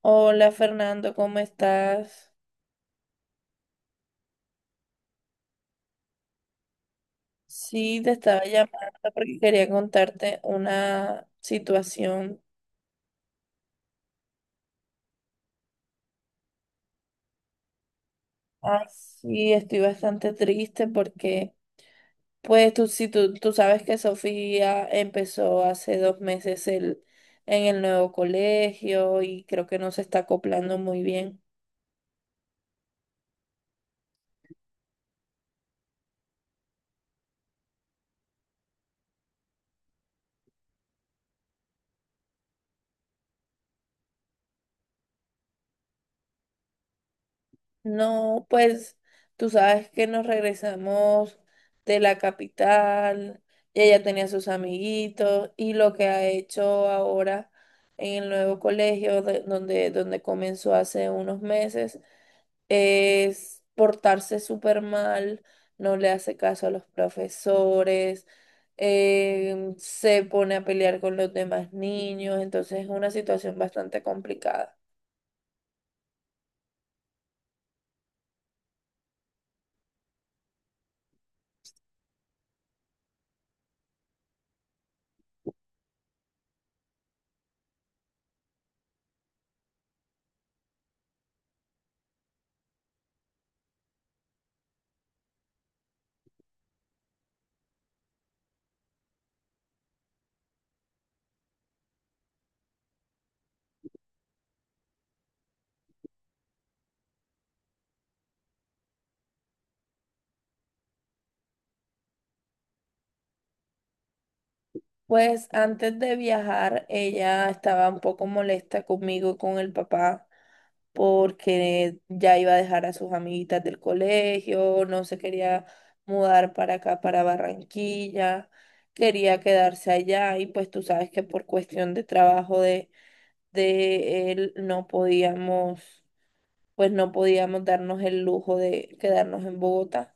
Hola Fernando, ¿cómo estás? Sí, te estaba llamando porque quería contarte una situación. Ah, sí, estoy bastante triste porque, pues tú, si tú, tú sabes que Sofía empezó hace 2 meses en el nuevo colegio y creo que no se está acoplando muy bien. No, pues tú sabes que nos regresamos de la capital y ella tenía sus amiguitos y lo que ha hecho ahora en el nuevo colegio donde comenzó hace unos meses es portarse súper mal, no le hace caso a los profesores, se pone a pelear con los demás niños, entonces es una situación bastante complicada. Pues antes de viajar, ella estaba un poco molesta conmigo y con el papá porque ya iba a dejar a sus amiguitas del colegio, no se quería mudar para acá, para Barranquilla, quería quedarse allá y pues tú sabes que por cuestión de trabajo de él no podíamos, pues no podíamos darnos el lujo de quedarnos en Bogotá.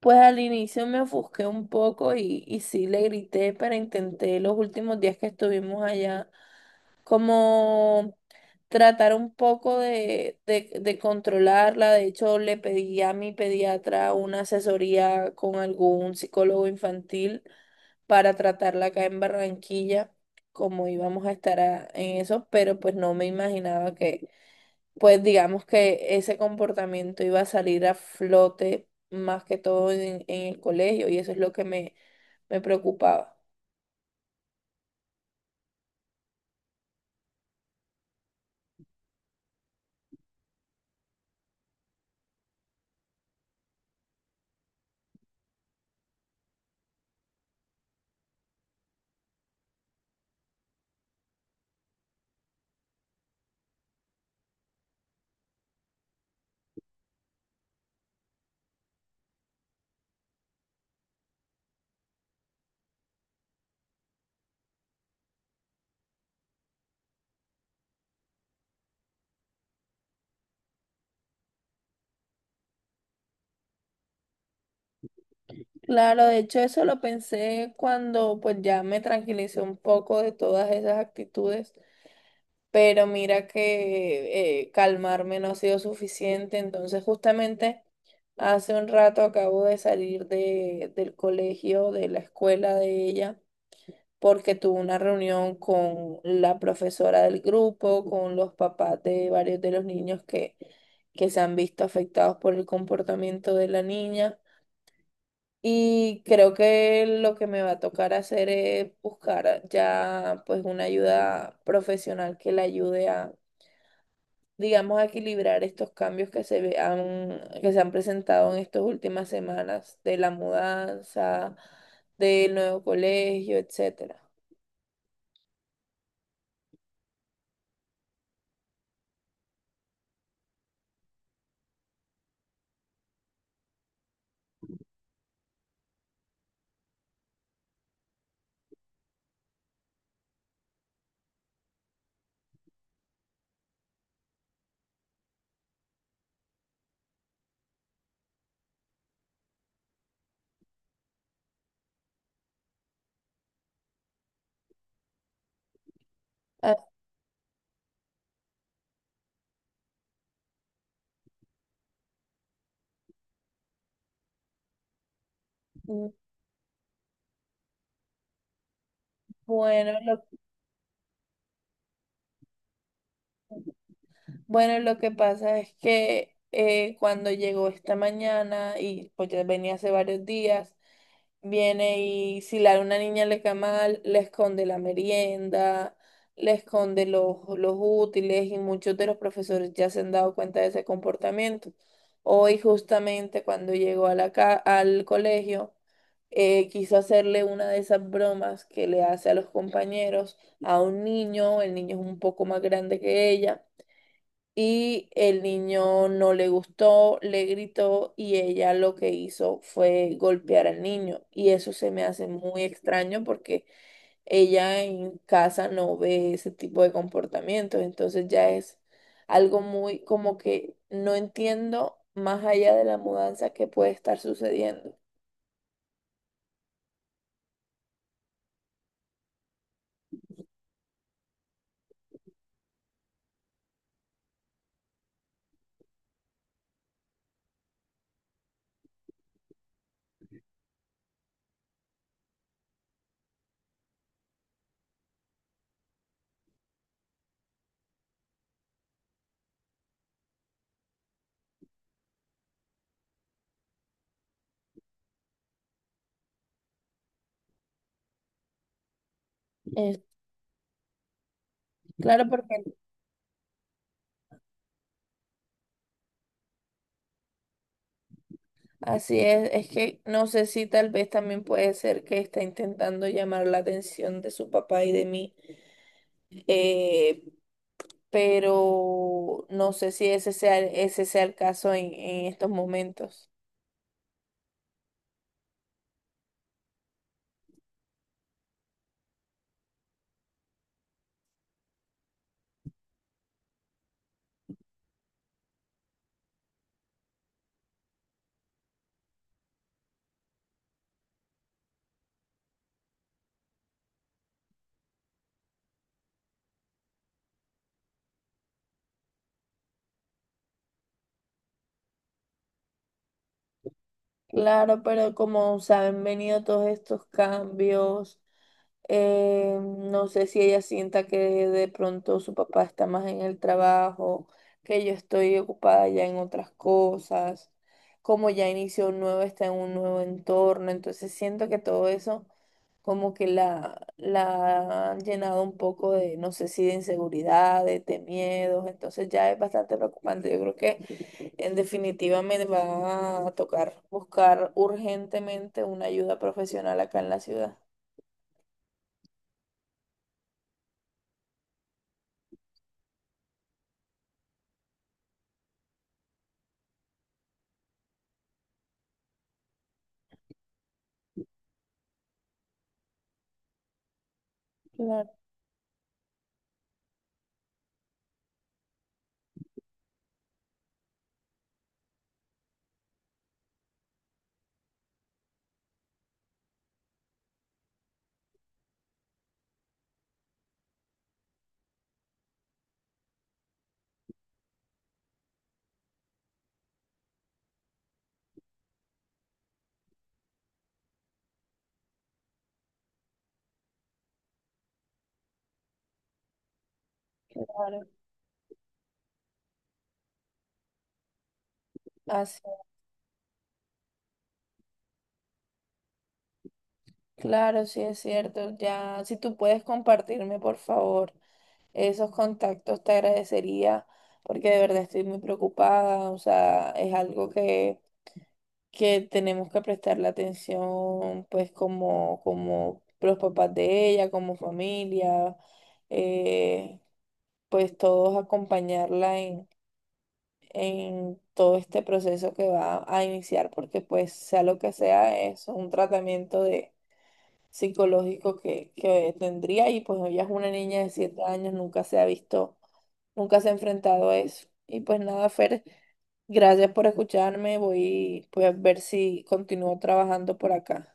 Pues al inicio me ofusqué un poco y sí le grité, pero intenté los últimos días que estuvimos allá como tratar un poco de controlarla. De hecho, le pedí a mi pediatra una asesoría con algún psicólogo infantil para tratarla acá en Barranquilla, como íbamos a estar en eso, pero pues no me imaginaba que pues digamos que ese comportamiento iba a salir a flote más que todo en el colegio y eso es lo que me preocupaba. Claro, de hecho eso lo pensé cuando pues ya me tranquilicé un poco de todas esas actitudes, pero mira que calmarme no ha sido suficiente, entonces justamente hace un rato acabo de salir del colegio, de la escuela de ella. Porque tuvo una reunión con la profesora del grupo, con los papás de varios de los niños que se han visto afectados por el comportamiento de la niña. Y creo que lo que me va a tocar hacer es buscar ya pues una ayuda profesional que la ayude a, digamos, a equilibrar estos cambios que que se han presentado en estas últimas semanas de la mudanza, del nuevo colegio, etcétera. Ah, Bueno, lo, bueno, lo que pasa es que cuando llegó esta mañana y pues ya venía hace varios días, viene y si la, una niña le cae mal, le esconde la merienda, le esconde los útiles y muchos de los profesores ya se han dado cuenta de ese comportamiento. Hoy justamente cuando llegó a al colegio, quiso hacerle una de esas bromas que le hace a los compañeros, a un niño, el niño es un poco más grande que ella. Y el niño no le gustó, le gritó y ella lo que hizo fue golpear al niño. Y eso se me hace muy extraño porque ella en casa no ve ese tipo de comportamientos. Entonces ya es algo muy como que no entiendo más allá de la mudanza que puede estar sucediendo. Es- claro, porque así es que no sé si tal vez también puede ser que está intentando llamar la atención de su papá y de mí. eh, pero no sé si ese sea el caso en estos momentos. Claro, pero como se han venido todos estos cambios, no sé si ella sienta que de pronto su papá está más en el trabajo, que yo estoy ocupada ya en otras cosas, como ya inició un nuevo, está en un nuevo entorno, entonces siento que todo eso como que la han llenado un poco de, no sé si de inseguridades, de miedos, entonces ya es bastante preocupante. Yo creo que en definitiva me va a tocar buscar urgentemente una ayuda profesional acá en la ciudad. Claro, claro. Así, claro, sí es cierto. Ya, si tú puedes compartirme, por favor, esos contactos, te agradecería, porque de verdad estoy muy preocupada. O sea, es algo que tenemos que prestarle atención, pues como, como los papás de ella, como familia, eh, pues todos acompañarla en todo este proceso que va a iniciar, porque pues sea lo que sea, es un tratamiento de psicológico que tendría y pues ella es una niña de 7 años, nunca se ha visto, nunca se ha enfrentado a eso. Y pues nada, Fer. Gracias por escucharme. Voy a ver si continúo trabajando por acá.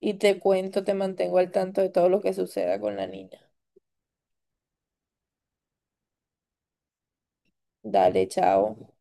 Y te cuento, te mantengo al tanto de todo lo que suceda con la niña. Dale, chao.